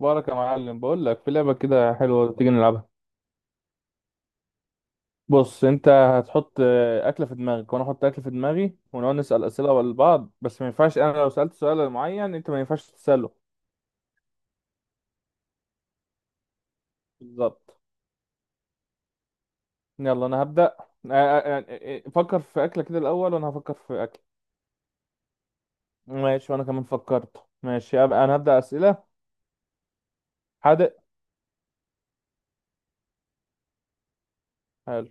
بارك يا معلم، بقول لك في لعبه كده حلوه، تيجي نلعبها؟ بص انت هتحط اكله في دماغك وانا احط اكله في دماغي ونقعد نسال اسئله لبعض، بس ما ينفعش انا لو سالت سؤال معين انت ما ينفعش تساله. بالظبط. يلا انا هبدا. آه، آه، آه، فكر في اكله كده الاول وانا هفكر في اكل. ماشي وانا كمان فكرت. ماشي أبقى انا هبدا اسئله. حادق. حلو.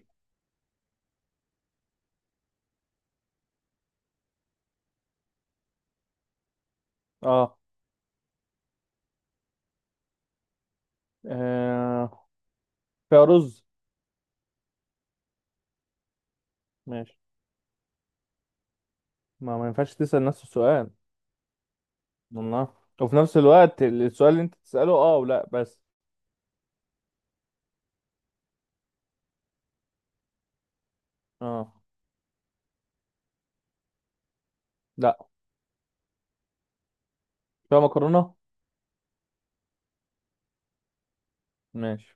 اه. آه، فيها رز. ماشي. ما ينفعش تسال نفس السؤال. والله. وفي نفس الوقت السؤال اللي انت تساله اه ولا بس. اه. لا فيها مكرونة. ماشي.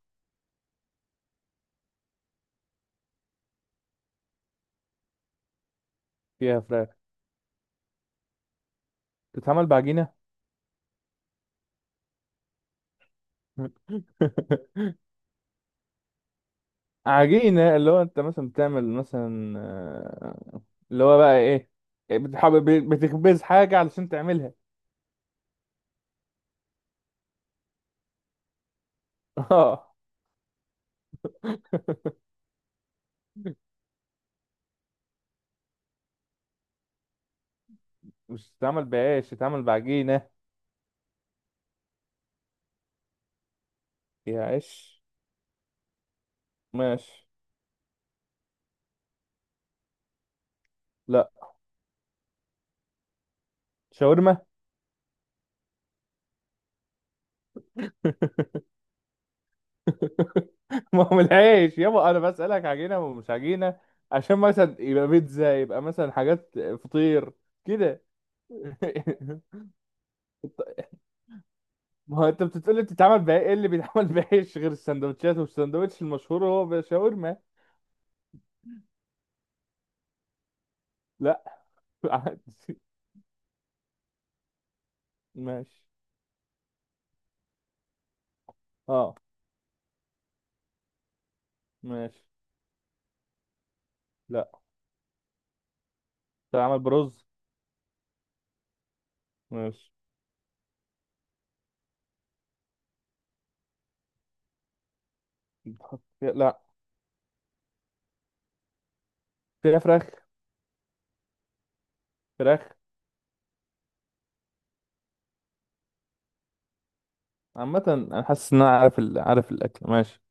فيها فراخ. بتتعمل بعجينة. عجينة اللي هو انت مثلا بتعمل مثلا. اللي هو بقى ايه؟ بتحب بتخبز حاجة علشان تعملها. اه. مش تتعمل بعيش، تتعمل بعجينة. يا عيش. ماشي. لا. شاورما. ما هو من العيش يابا، انا بسألك عجينة ومش عجينة عشان مثلا يبقى بيتزا يبقى مثلا حاجات فطير كده. ما هو انت بتقولي بتتعمل بقى ايه اللي بيتعمل بايش غير السندوتشات، والساندوتش المشهور هو شاورما. لا. عادي. ماشي. اه. ماشي. لا. بتتعمل برز. ماشي. لا. فيها فراخ. فراخ. عامة انا حاسس ان انا عارف عارف الاكل. ماشي.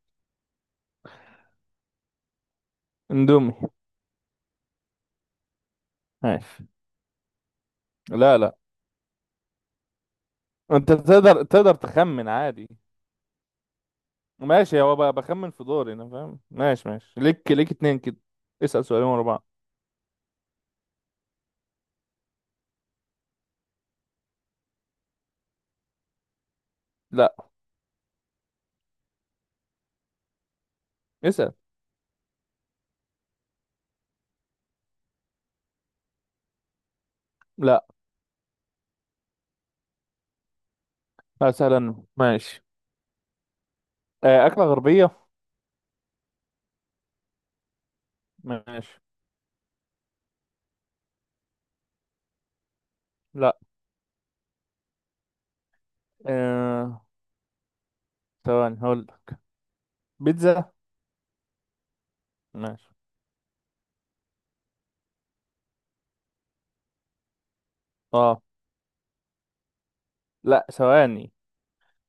اندومي. ماشي. لا، لا. انت تقدر تخمن عادي. ماشي. هو بخمن في دوري انا فاهم. ماشي ماشي، ليك اتنين كده. اسأل سؤالين ورا بعض. لا. اسأل. لا. مثلا ماشي. أكلة غربية. ماشي. لا. آه، ثواني هقول لك. بيتزا. ماشي. اه. لا. ثواني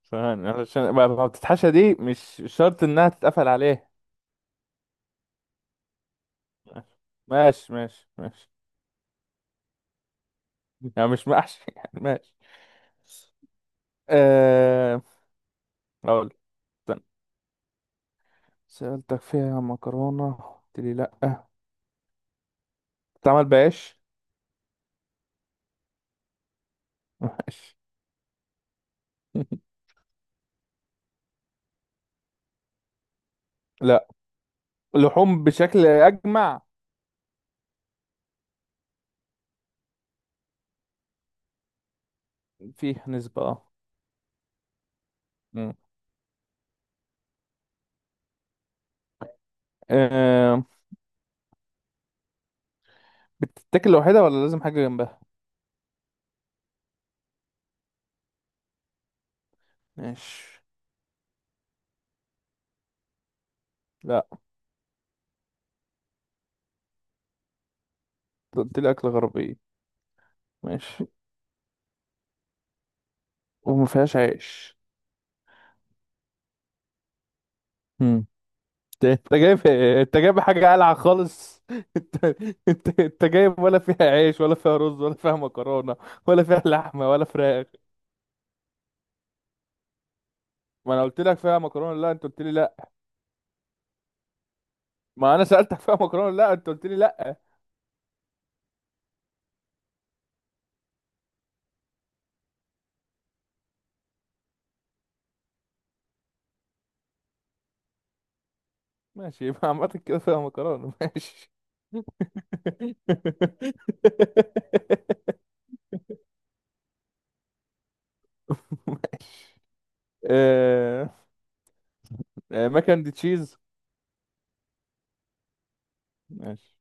ثواني علشان ما بتتحشى دي مش شرط انها تتقفل عليه. ماشي ماشي ماشي. يعني مش محشي يعني ماشي. آه، اقول لك، استنى. سألتك فيها مكرونة قلت لي لا. بتتعمل بعيش. ماشي. لا. لحوم بشكل أجمع. فيه نسبة اه. مم. آه، بتتاكل لوحدها ولا لازم حاجة جنبها؟ ماشي. لا. قلت لي أكل غربية. ماشي. وما فيهاش عيش. امم. انت جايب. انت جايب حاجة قلعة خالص. انت انت جايب ولا فيها عيش ولا فيها رز ولا فيها مكرونة ولا فيها لحمة ولا فراخ. ما انا قلت لك فيها مكرونة لا انت قلت لي لا. ما انا سألتك فيها مكرونة لا انت قلت لي لا. ماشي يبقى عامة كده فيها مكرونة ماشي. آه، مكن دي تشيز؟ ماشي.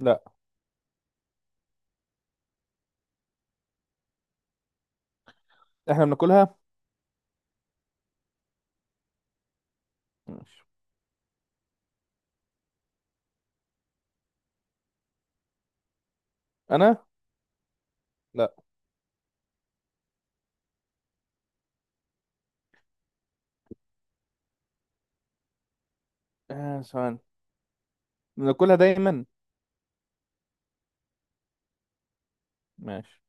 لا. احنا بناكلها. ماشي. انا. لا. ثواني. بناكلها دايما. ماشي.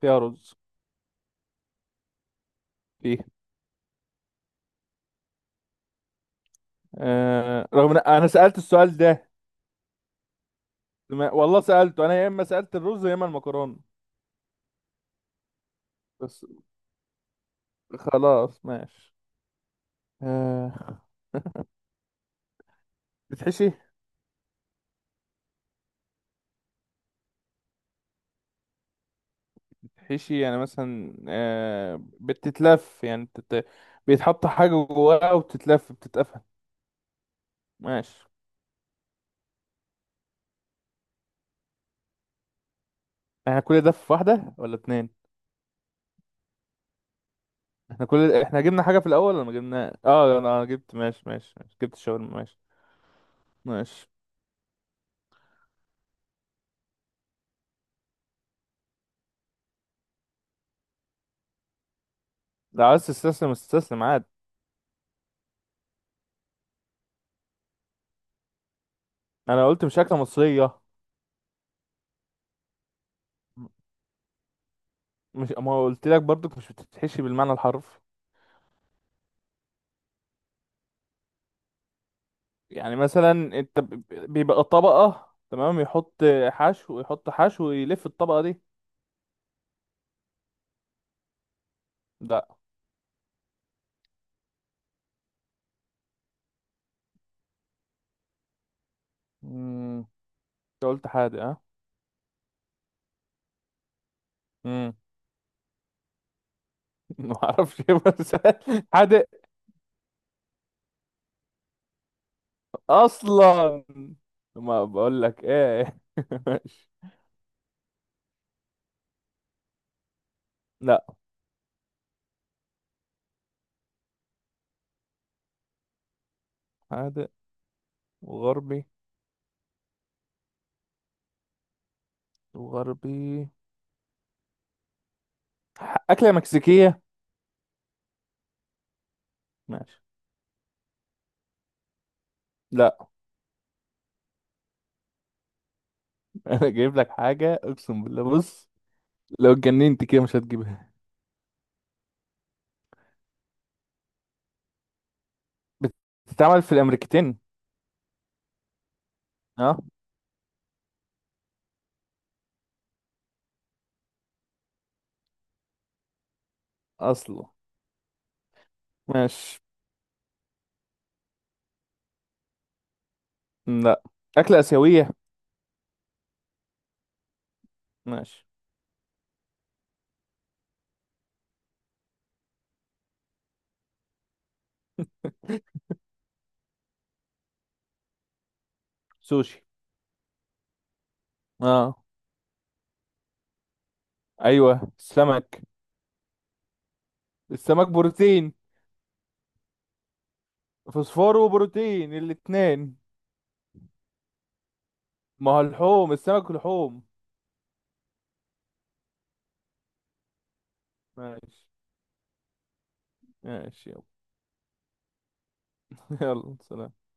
فيها رز. فيه. رغم ان انا سألت السؤال ده. والله سألته انا يا اما سألت الرز يا اما المكرونة. بس. خلاص ماشي. آه. بتحشي. بتحشي يعني مثلا بتتلف يعني بيتحط حاجة جواها وتتلف بتتقفل. ماشي. احنا كل ده في واحدة ولا اتنين؟ احنا جبنا حاجة في الأول ولا ما جبنا اه انا جبت ماشي ماشي ماشي جبت الشاورما ماشي. ماشي. لو عايز تستسلم استسلم عادي. انا قلت مش أكلة مصرية. مش ما قلت لك برضك مش بتتحشي بالمعنى الحرفي. يعني مثلا انت بيبقى طبقة تمام، يحط حشو يحط حشو ويلف الطبقة دي. لا. امم. انت قلت حادق؟ ها. امم. ما اعرفش إيه بس. حادق اصلا. ما بقول لك ايه ماشي. لا. حادق وغربي. غربي. أكلة مكسيكية. ماشي. لا. أنا جايب لك حاجة أقسم بالله، بص لو اتجننت كده مش هتجيبها. بتتعمل في الأمريكتين. أه. أصله. ماشي. لا. أكلة آسيوية. ماشي. سوشي. أه. أيوه سمك. السمك بروتين. فوسفور وبروتين الاتنين. ما هو اللحوم السمك لحوم. ماشي. ماشي يلا. يلا سلام.